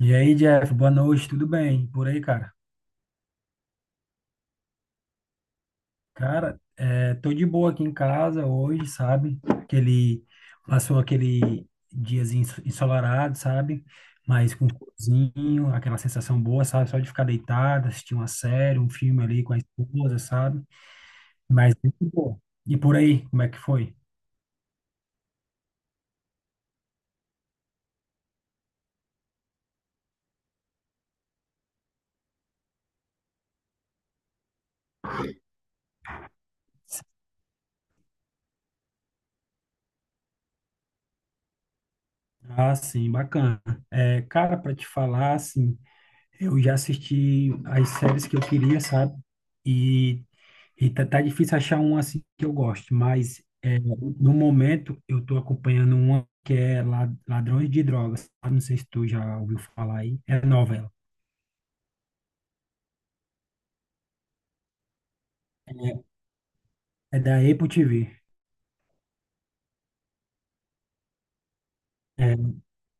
E aí, Jeff, boa noite, tudo bem? Por aí, cara? Cara, tô de boa aqui em casa hoje, sabe? Aquele, passou aquele diazinho ensolarado, sabe? Mas com cozinho, aquela sensação boa, sabe? Só de ficar deitado, assistir uma série, um filme ali com a esposa, sabe? Mas muito boa. E por aí, como é que foi? Ah, sim, bacana. É, cara, para te falar, assim. Eu já assisti as séries que eu queria, sabe? E, e tá difícil achar uma assim que eu goste, mas no momento eu tô acompanhando uma que é Ladrões de Drogas. Ah, não sei se tu já ouviu falar aí. É nova ela. É da Apple TV. É,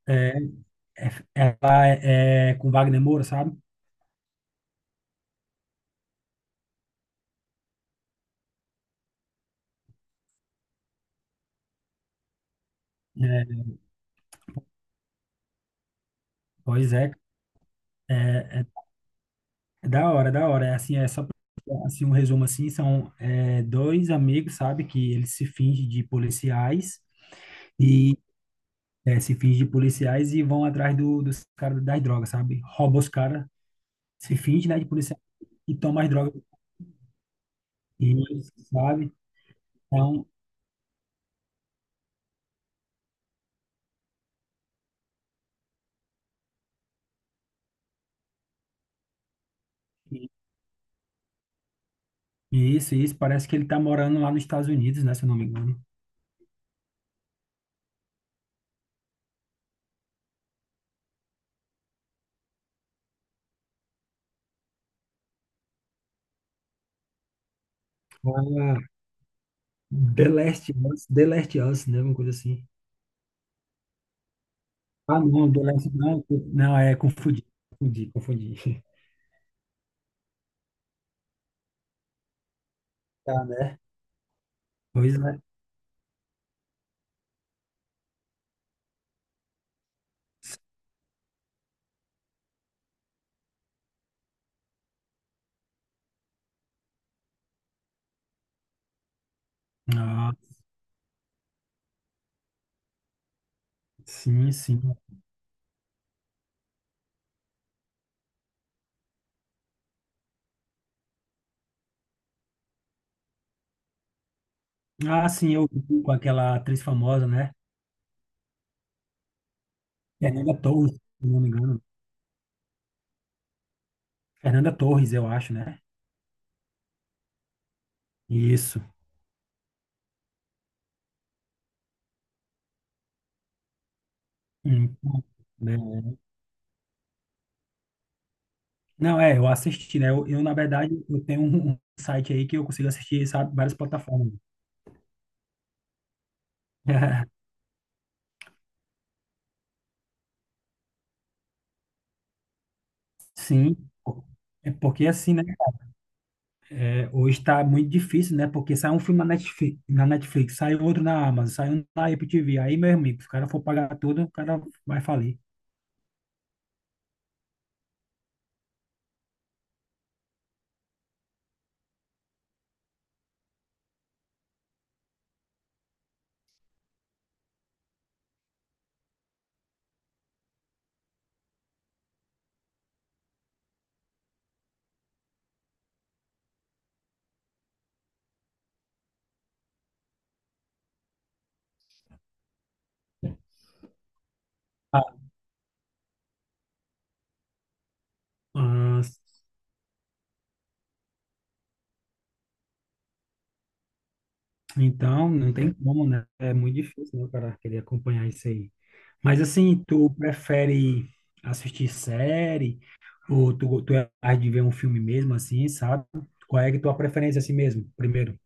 é, ela é com Wagner Moura, sabe? É, Pois é, é é da hora, é da hora. É assim, é só pra, assim, um resumo assim, são dois amigos, sabe, que eles se fingem de policiais. Se finge de policiais e vão atrás dos caras das drogas, sabe? Rouba os caras, se finge, né, de policiais e toma as drogas, deles, sabe? Então, isso, parece que ele tá morando lá nos Estados Unidos, né, se eu não me engano. Ah, The Last Us, The Last Us, né, alguma coisa assim. Ah, não, The Last, não, não, é, confundi, confundi, confundi. Tá, né? Pois é. Ah, sim, sim. Ah, sim, eu vi com aquela atriz famosa, né? Fernanda Torres, se eu não me engano. Fernanda Torres, eu acho, né? Isso. Hum, né? Não, eu assisti, né? Eu, na verdade, eu tenho um site aí que eu consigo assistir, sabe, várias plataformas. Sim, é porque assim, né? Hoje tá muito difícil, né? Porque sai um filme na Netflix, sai outro na Amazon, sai um na Apple TV. Aí, meu amigo, se o cara for pagar tudo, o cara vai falir. Ah, ah, então, não tem como, né? É muito difícil, né, o cara querer acompanhar isso aí. Mas assim, tu prefere assistir série ou tu é mais de ver um filme mesmo, assim, sabe? Qual é a tua preferência assim mesmo, primeiro?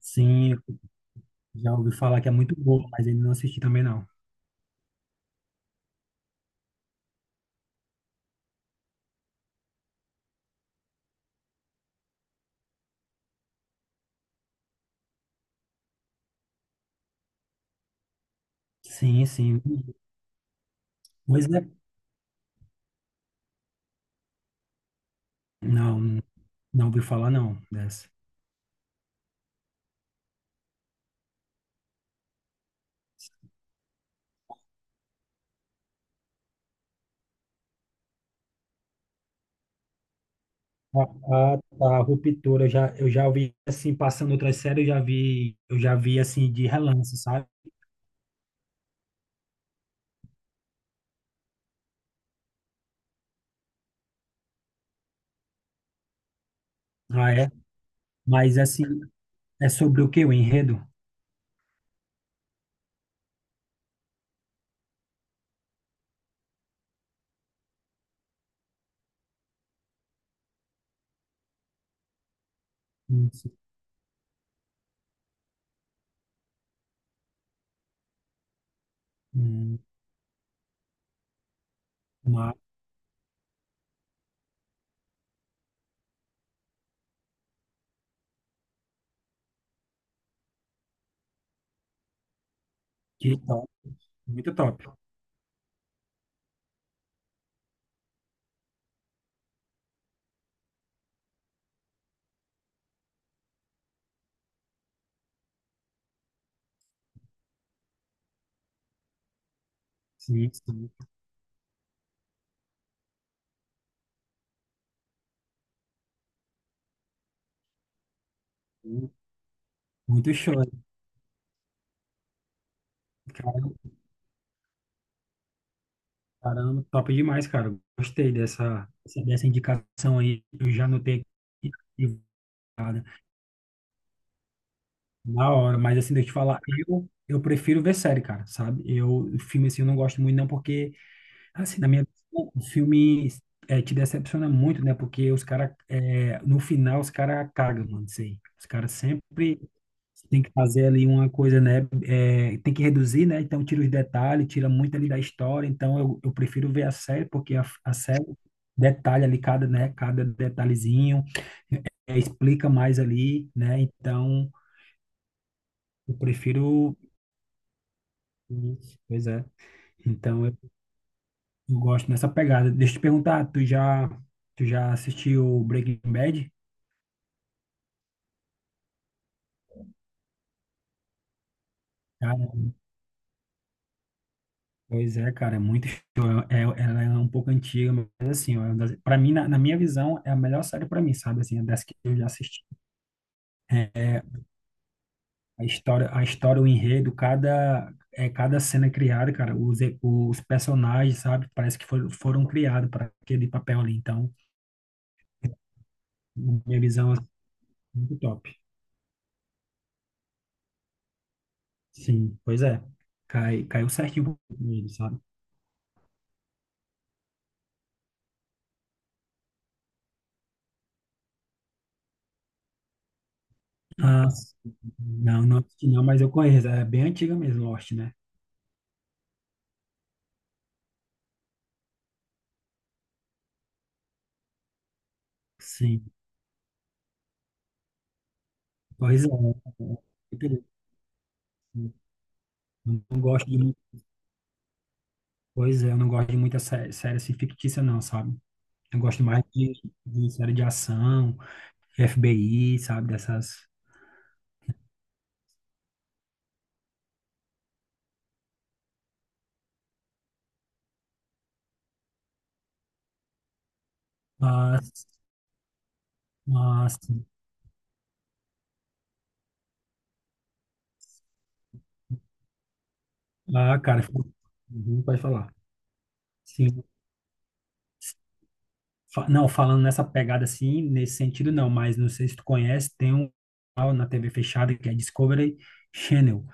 Sim, eu já ouvi falar que é muito bom, mas ainda não assisti também não. Sim, sim. Pois é. Não, não ouvi falar não dessa. Ah, ah, tá, Ruptura, eu já ouvi, assim, passando outras séries, eu já vi, assim, de relance, sabe? Ah, é? Mas, assim, é sobre o que o enredo? Hum, hum, mas que top. Muito top. Sim, sim. Sim. Muito show. Cara, caramba, top demais, cara. Gostei dessa indicação aí. Eu já anotei aqui e na hora, mas assim, deixa eu te falar, eu prefiro ver série, cara, sabe? Eu, filme assim, eu não gosto muito, não, porque, assim, na minha opinião, o filme te decepciona muito, né? Porque os caras, no final, os caras cagam, mano, isso aí. Os caras sempre. Você tem que fazer ali uma coisa, né? Tem que reduzir, né? Então tira os detalhes, tira muito ali da história. Então eu prefiro ver a série, porque a série detalha ali cada, né? Cada detalhezinho, explica mais ali, né? Então eu prefiro. Isso, pois é. Então eu gosto dessa pegada. Deixa eu te perguntar, tu já assistiu Breaking Bad? Já, né? Pois é, cara, é muito show. É, ela é um pouco antiga, mas assim, para mim, na minha visão, é a melhor série para mim, sabe? Assim, é das que eu já assisti. É, a história, o enredo, cada cena criada, cara, os personagens, sabe? Parece que foram criados para aquele papel ali. Então, na minha visão, é muito top. Sim, pois é. Caiu certinho com ele, sabe? Ah, sim. Não, não assisti não, mas eu conheço. É bem antiga mesmo, Lost, né? Sim, pois é. Eu não gosto de, mu- Pois é, eu não gosto de muita série assim fictícia, não, sabe? Eu gosto mais de série de ação, FBI, sabe? Dessas. Mas, mas, ah, cara. Uhum, pode falar. Sim. Não, falando nessa pegada assim, nesse sentido não, mas não sei se tu conhece, tem um canal na TV fechada que é Discovery Channel.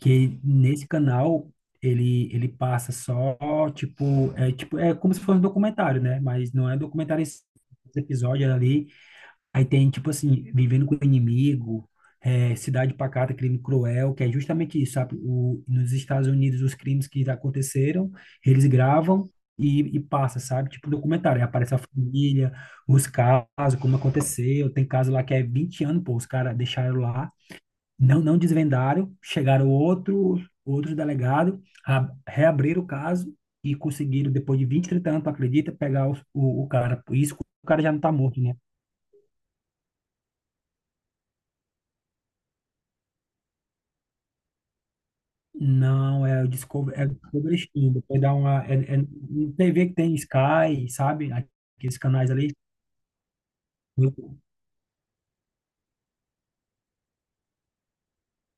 Que nesse canal ele passa só, tipo, é, tipo, é como se fosse um documentário, né? Mas não é documentário esse episódio é ali. Aí tem tipo assim, vivendo com o inimigo, Cidade Pacata, Crime Cruel, que é justamente isso, sabe? O, nos Estados Unidos os crimes que aconteceram, eles gravam e passa, sabe? Tipo documentário. Aí aparece a família, os casos, como aconteceu. Tem caso lá que é 20 anos, pô, os caras deixaram lá não, não desvendaram, chegaram outros, delegados, reabriram o caso e conseguiram, depois de 20, 30 anos, tu acredita, pegar o, cara. Por isso que o cara já não tá morto, né? Não, é o Discovery Channel. Depois dá uma. Um TV que tem Sky, sabe? Aqueles canais ali.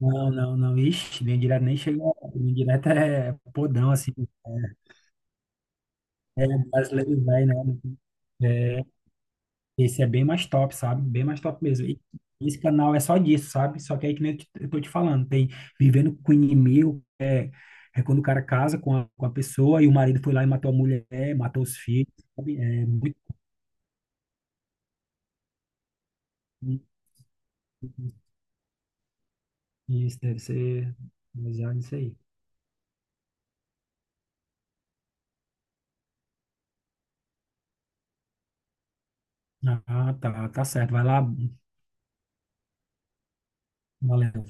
Não, não, não. Ixi, linha direta nem chega. Linha direta é podão, assim. Brasileiro velho, né? Esse é bem mais top, sabe? Bem mais top mesmo. E esse canal é só disso, sabe? Só que aí que nem eu eu tô te falando, tem Vivendo com o Inimigo, é quando o cara casa com a pessoa e o marido foi lá e matou a mulher, matou os filhos, sabe? É muito. Isso deve ser baseado nisso aí. Ah, tá, tá certo. Vai lá, valeu.